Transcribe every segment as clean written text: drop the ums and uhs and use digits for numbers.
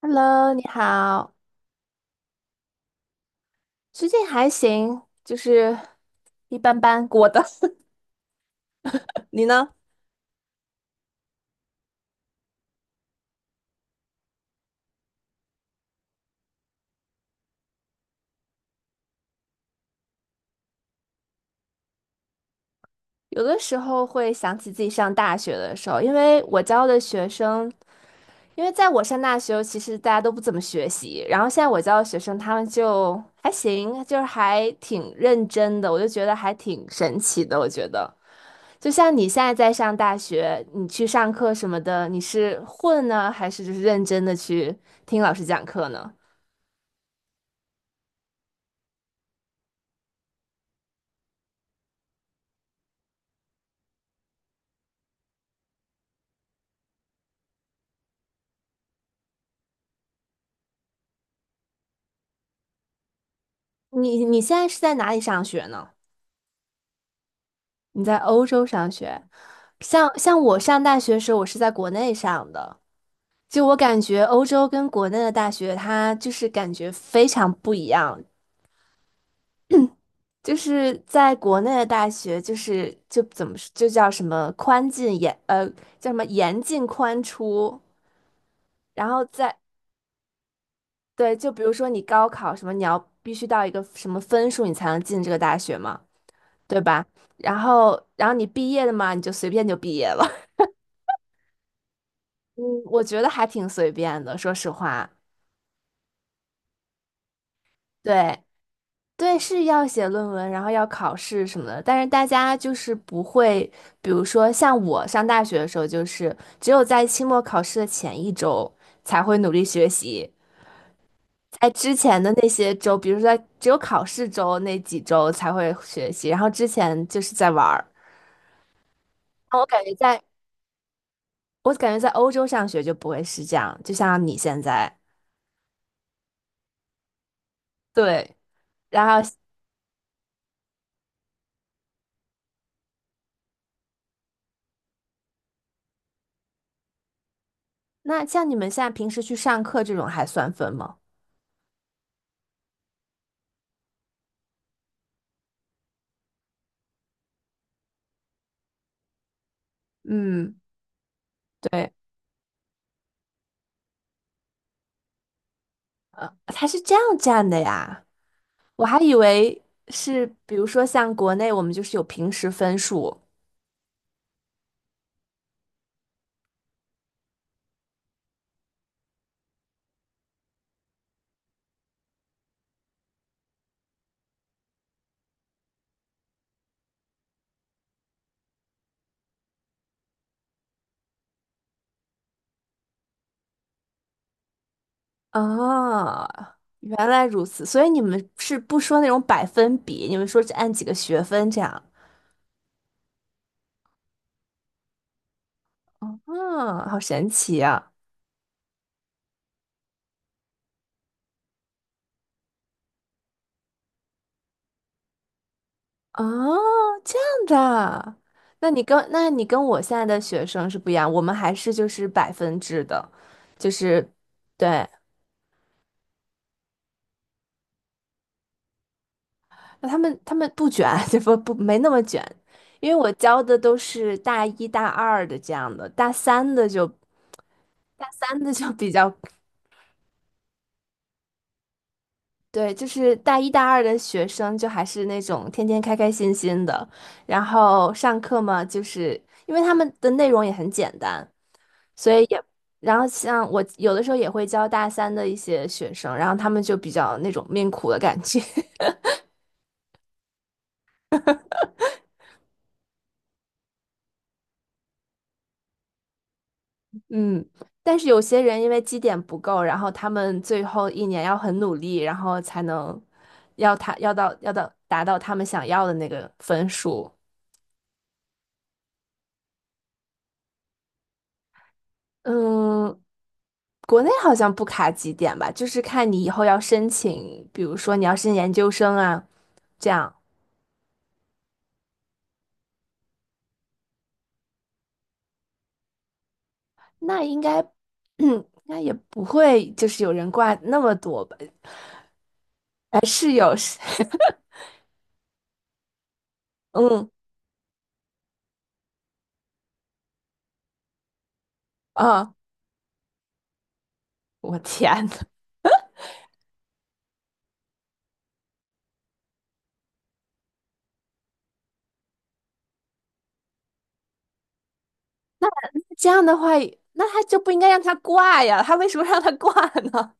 Hello，你好，最近还行，就是一般般过的。你呢？有的时候会想起自己上大学的时候，因为我教的学生，因为在我上大学，其实大家都不怎么学习，然后现在我教的学生，他们就还行，就是还挺认真的，我就觉得还挺神奇的。我觉得，就像你现在在上大学，你去上课什么的，你是混呢，还是就是认真的去听老师讲课呢？你现在是在哪里上学呢？你在欧洲上学，像我上大学的时候，我是在国内上的。就我感觉，欧洲跟国内的大学，它就是感觉非常不一样。就是在国内的大学，就是就怎么说就叫什么宽进严呃叫什么严进宽出，然后在对，就比如说你高考什么，你要必须到一个什么分数，你才能进这个大学嘛，对吧？然后你毕业了嘛，你就随便就毕业了。嗯，我觉得还挺随便的，说实话。对，对，是要写论文，然后要考试什么的，但是大家就是不会，比如说像我上大学的时候，就是只有在期末考试的前一周才会努力学习，在之前的那些周，比如说在只有考试周那几周才会学习，然后之前就是在玩儿。我感觉在，我感觉在欧洲上学就不会是这样，就像你现在。对，然后那像你们现在平时去上课这种还算分吗？嗯，对，他是这样占的呀，我还以为是，比如说像国内我们就是有平时分数。啊，原来如此，所以你们是不说那种百分比，你们说是按几个学分这样，嗯，好神奇啊，哦，这样的啊，那你跟我现在的学生是不一样，我们还是就是百分制的，就是。对，那他们不卷，就不没那么卷，因为我教的都是大一大二的这样的，大三的就 比较对，就是大一大二的学生就还是那种天天开开心心的，然后上课嘛，就是因为他们的内容也很简单，所以也然后像我有的时候也会教大三的一些学生，然后他们就比较那种命苦的感觉。嗯，但是有些人因为绩点不够，然后他们最后一年要很努力，然后才能要他要达到他们想要的那个分数。嗯，国内好像不卡绩点吧，就是看你以后要申请，比如说你要申请研究生啊，这样，那应该，应该也不会就是有人挂那么多吧？哎，是有，是 嗯，啊，我天呐，这样的话，那他就不应该让他挂呀，他为什么让他挂呢？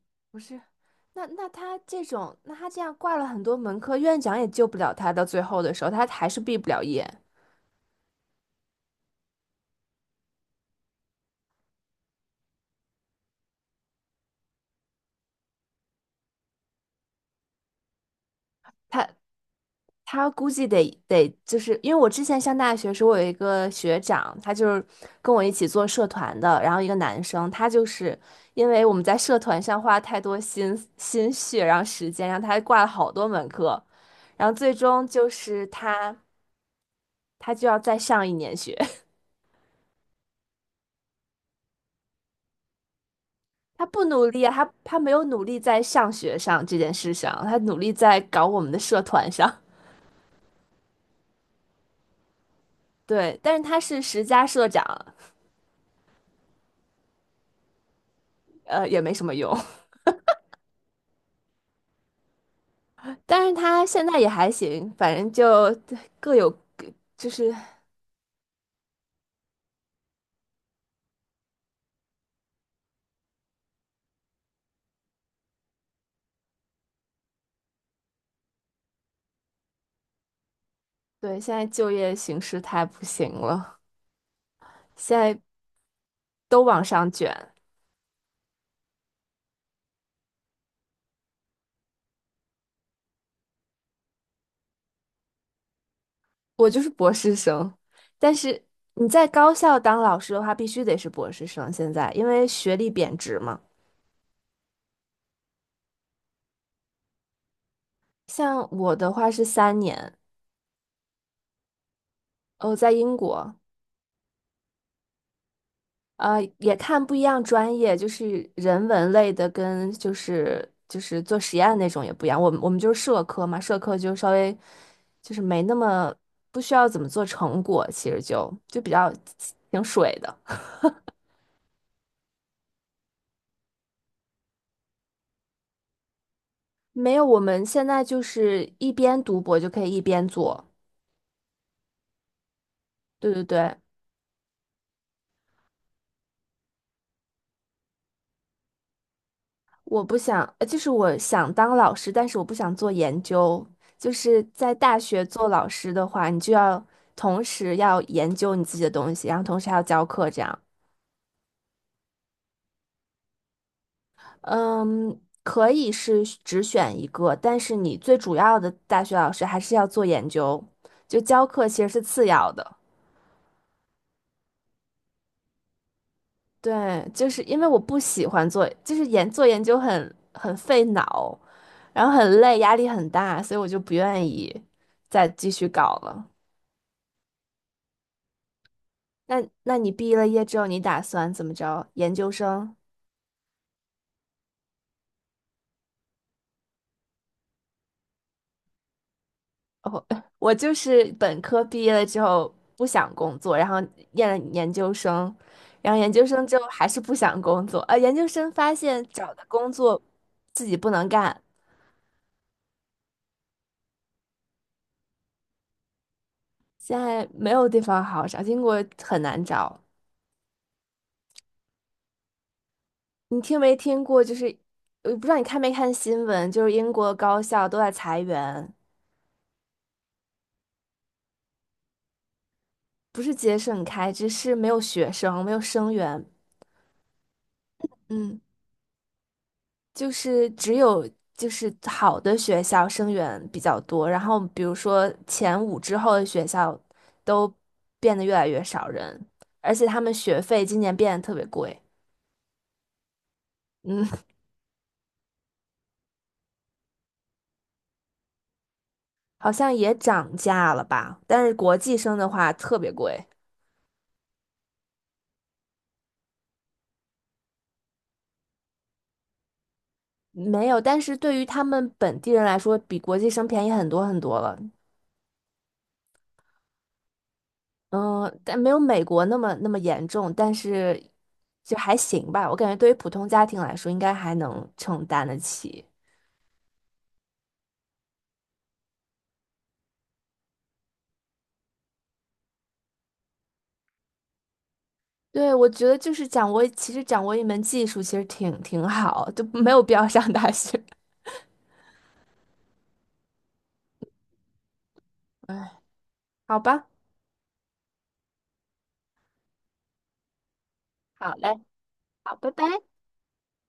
不是，那他这种，那他这样挂了很多门课，院长也救不了他。到最后的时候，他还是毕不了业。他他估计得，就是因为我之前上大学时候，我有一个学长，他就是跟我一起做社团的，然后一个男生，他就是因为我们在社团上花太多心血，然后时间，然后他还挂了好多门课，然后最终就是他。他就要再上一年学。他不努力啊，他没有努力在上学上这件事上，他努力在搞我们的社团上。对，但是他是十佳社长，呃，也没什么用。但是他现在也还行，反正就各有就是对，现在就业形势太不行了，现在都往上卷。我就是博士生，但是你在高校当老师的话，必须得是博士生。现在因为学历贬值嘛，像我的话是3年，哦，在英国，呃，也看不一样专业，就是人文类的跟就是做实验那种也不一样。我们就是社科嘛，社科就稍微就是没那么不需要怎么做成果，其实就比较挺水的。没有，我们现在就是一边读博就可以一边做。对对对，我不想，就是我想当老师，但是我不想做研究。就是在大学做老师的话，你就要同时要研究你自己的东西，然后同时还要教课，这样。嗯，可以是只选一个，但是你最主要的大学老师还是要做研究，就教课其实是次要的。对，就是因为我不喜欢做，就是做研究很费脑，然后很累，压力很大，所以我就不愿意再继续搞了。那你毕了业之后，你打算怎么着？研究生？哦，我就是本科毕业了之后不想工作，然后念了研究生，然后研究生之后还是不想工作，呃，研究生发现找的工作自己不能干，现在没有地方好找，英国很难找。你听没听过？就是我不知道你看没看新闻，就是英国高校都在裁员，不是节省开支，是没有学生，没有生源。嗯。就是只有就是好的学校生源比较多，然后比如说前5之后的学校都变得越来越少人，而且他们学费今年变得特别贵，嗯，好像也涨价了吧？但是国际生的话特别贵，没有，但是对于他们本地人来说，比国际生便宜很多很多了。嗯，但没有美国那么严重，但是就还行吧。我感觉对于普通家庭来说，应该还能承担得起。对，我觉得就是掌握，其实掌握一门技术其实挺好，就没有必要上大学。好吧，好嘞，好，拜拜。